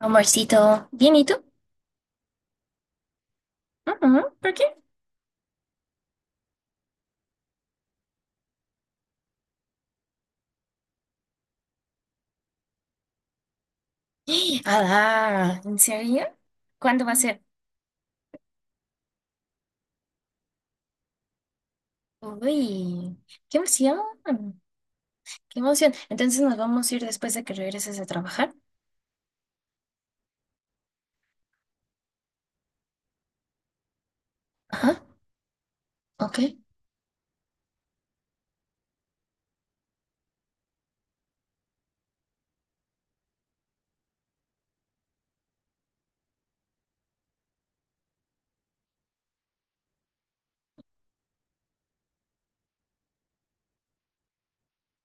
Amorcito, bien, ¿y tú? Ujú, ¿por qué? Ah, ¿en serio? ¿Cuándo va a ser? Uy, qué emoción, qué emoción. Entonces nos vamos a ir después de que regreses a trabajar. Ajá, ok.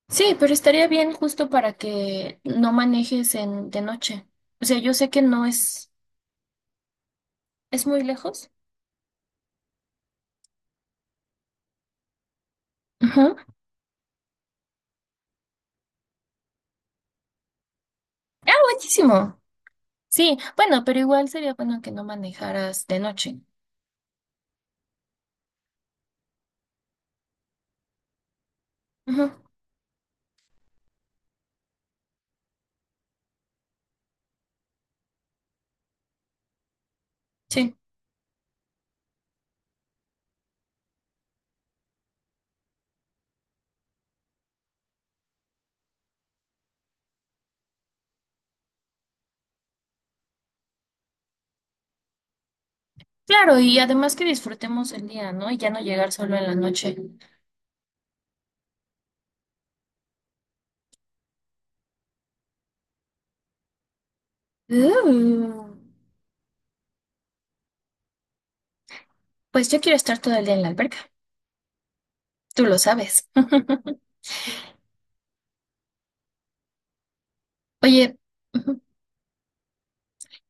Sí, pero estaría bien justo para que no manejes en, de noche. O sea, yo sé que no es, es muy lejos. Ujú. Ah, buenísimo. Sí, bueno, pero igual sería bueno que no manejaras de noche. Ujú, sí. Claro, y además que disfrutemos el día, ¿no? Y ya no llegar solo en la noche. Uh, pues yo quiero estar todo el día en la alberca, tú lo sabes. Oye, ujú,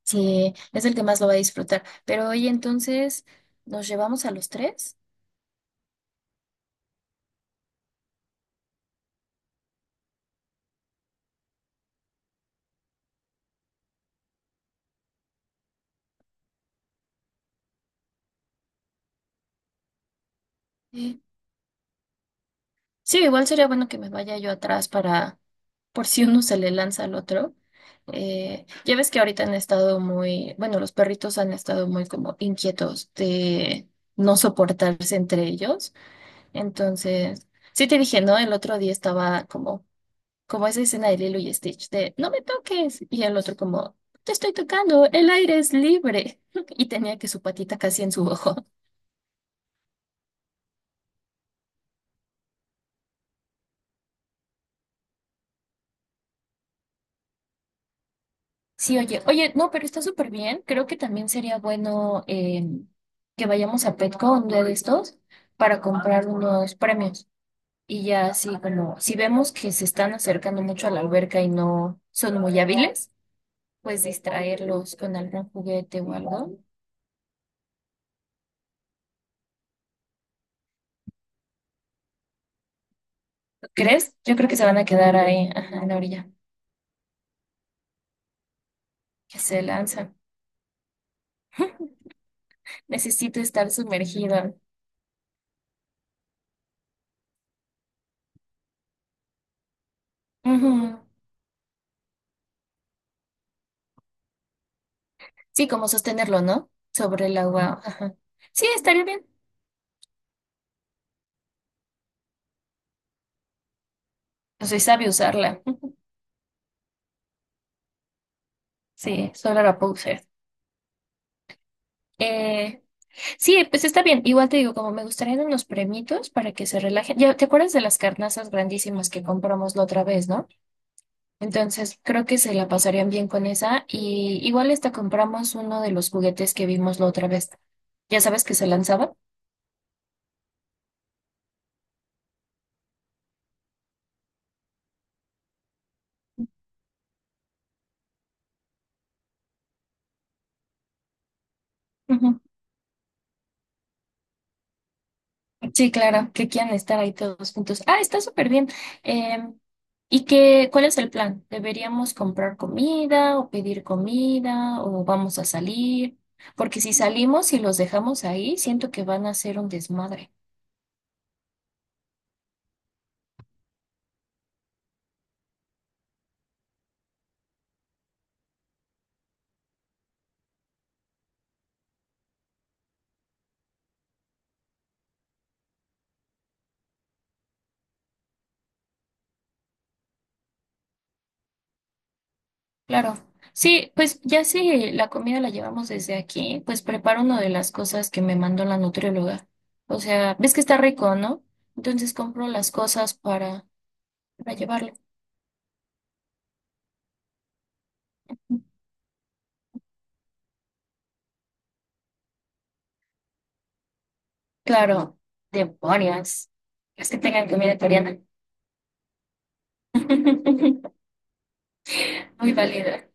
sí, es el que más lo va a disfrutar, pero oye, entonces, ¿nos llevamos a los tres? Sí, sí, igual sería bueno que me vaya yo atrás para, por si uno se le lanza al otro. Ya ves que ahorita han estado muy, bueno, los perritos han estado muy como inquietos de no soportarse entre ellos. Entonces, sí te dije, ¿no? El otro día estaba como, como esa escena de Lilo y Stitch de no me toques. Y el otro como, te estoy tocando, el aire es libre. Y tenía que su patita casi en su ojo. Sí, oye, oye, no, pero está súper bien. Creo que también sería bueno que vayamos a Petco un día de estos para comprar unos premios. Y ya así como, si vemos que se están acercando mucho a la alberca y no son muy hábiles, pues distraerlos con algún juguete o algo. ¿Crees? Yo creo que se van a quedar ahí, ajá, en la orilla, que se lanzan. Necesito estar sumergido. Ujú. Sí, como sostenerlo, ¿no? Sobre el agua. Ajá. Sí, estaría bien. No soy sabio usarla. Sí, solo la puedo usar. Eh, sí, pues está bien. Igual te digo, como me gustarían unos premitos para que se relajen. Ya, ¿te acuerdas de las carnazas grandísimas que compramos la otra vez, no? Entonces, creo que se la pasarían bien con esa. Y igual hasta compramos uno de los juguetes que vimos la otra vez. Ya sabes que se lanzaban. Ujú. Sí, claro, que quieran estar ahí todos juntos. Ah, está súper bien. Em, ¿Y qué, cuál es el plan? ¿Deberíamos comprar comida o pedir comida o vamos a salir? Porque si salimos y los dejamos ahí, siento que van a hacer un desmadre. Claro. Sí, pues ya si la comida la llevamos desde aquí, pues preparo una de las cosas que me mandó la nutrióloga. O sea, ves que está rico, ¿no? Entonces compro las cosas para llevarlo. Claro, demonios. Es que tengan comida coreana. Muy válida.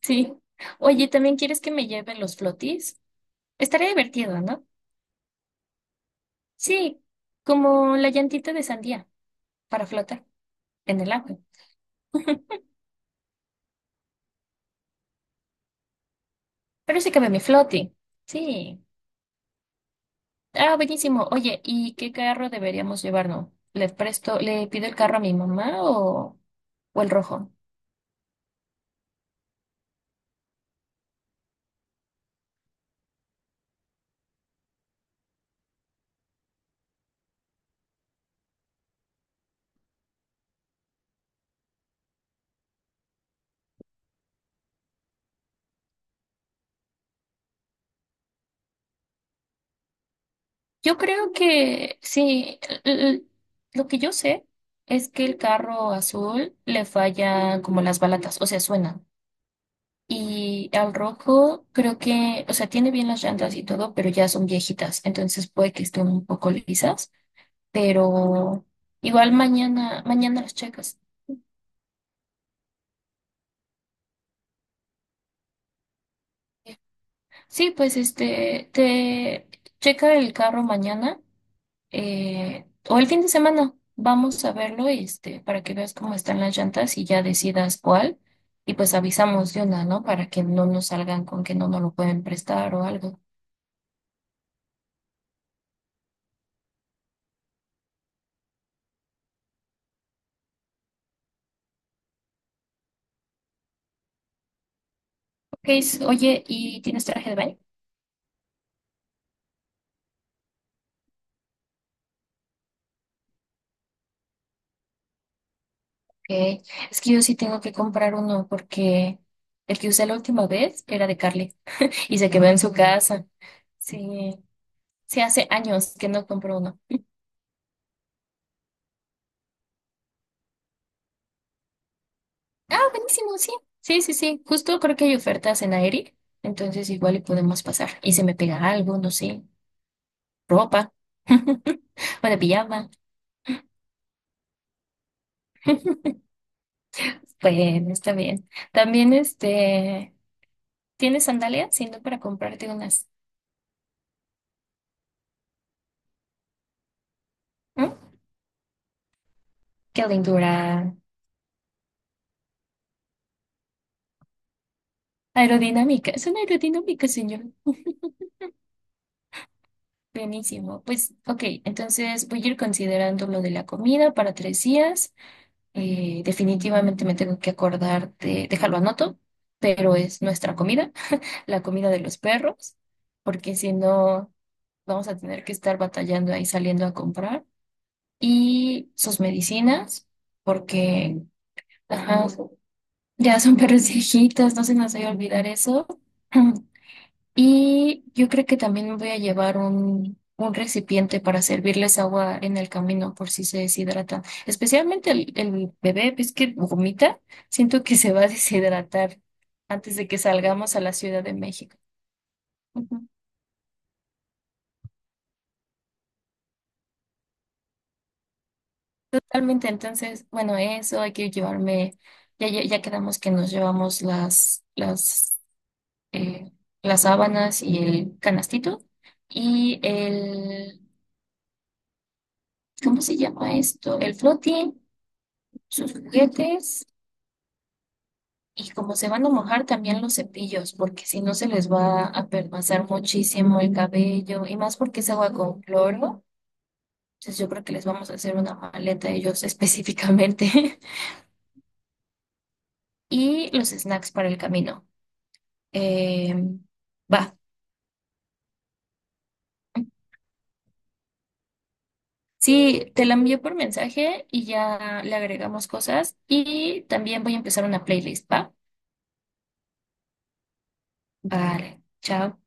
Sí. Oye, ¿también quieres que me lleven los flotis? Estaría divertido, ¿no? Sí, como la llantita de sandía para flotar en el agua. Pero sí cabe mi floti. Sí. Ah, buenísimo. Oye, ¿y qué carro deberíamos llevarnos? ¿Le presto, le pido el carro a mi mamá o el rojo? Yo creo que sí, l- l- lo que yo sé es que el carro azul le falla como las balatas, o sea, suena. Y al rojo creo que, o sea, tiene bien las llantas y todo, pero ya son viejitas, entonces puede que estén un poco lisas, pero igual mañana, mañana las checas. Sí, pues este, te checa el carro mañana o el fin de semana vamos a verlo, este, para que veas cómo están las llantas y ya decidas cuál. Y pues avisamos de una, ¿no? Para que no nos salgan con que no nos lo pueden prestar o algo. Ok, oye, ¿y tienes traje de baño? Ok, es que yo sí tengo que comprar uno porque el que usé la última vez era de Carly y se quedó en su casa. Sí, sí, hace años que no compro uno. Ah, buenísimo, sí. Sí, sí, sí. Justo creo que hay ofertas en aire. Entonces igual y podemos pasar. Y se me pega algo, no sé, ropa. Bueno, pijama. Bueno, está bien. También este, ¿tienes sandalias? Si no para comprarte unas. ¿Mm? Qué lindura. Aerodinámica. Es una aerodinámica, señor. Buenísimo. Pues, ok, entonces voy a ir considerando lo de la comida para tres días. Definitivamente me tengo que acordar de, déjalo anoto, pero es nuestra comida, la comida de los perros, porque si no vamos a tener que estar batallando ahí saliendo a comprar. Y sus medicinas, porque ajá, ya son perros viejitos, no se nos vaya a olvidar eso. Y yo creo que también me voy a llevar un recipiente para servirles agua en el camino por si se deshidratan. Especialmente el bebé, ves que vomita, siento que se va a deshidratar antes de que salgamos a la Ciudad de México. Ujú. Totalmente, entonces, bueno, eso hay que llevarme, ya, ya, ya quedamos que nos llevamos eh, las sábanas y el canastito y el, ¿cómo se llama esto? El floating, sus juguetes. Y como se van a mojar también los cepillos, porque si no se les va a permasar muchísimo el cabello, y más porque es agua con cloro. Entonces yo creo que les vamos a hacer una maleta a ellos específicamente. Y los snacks para el camino. Eh, va. Sí, te la envío por mensaje y ya le agregamos cosas. Y también voy a empezar una playlist, ¿va? Vale, chao.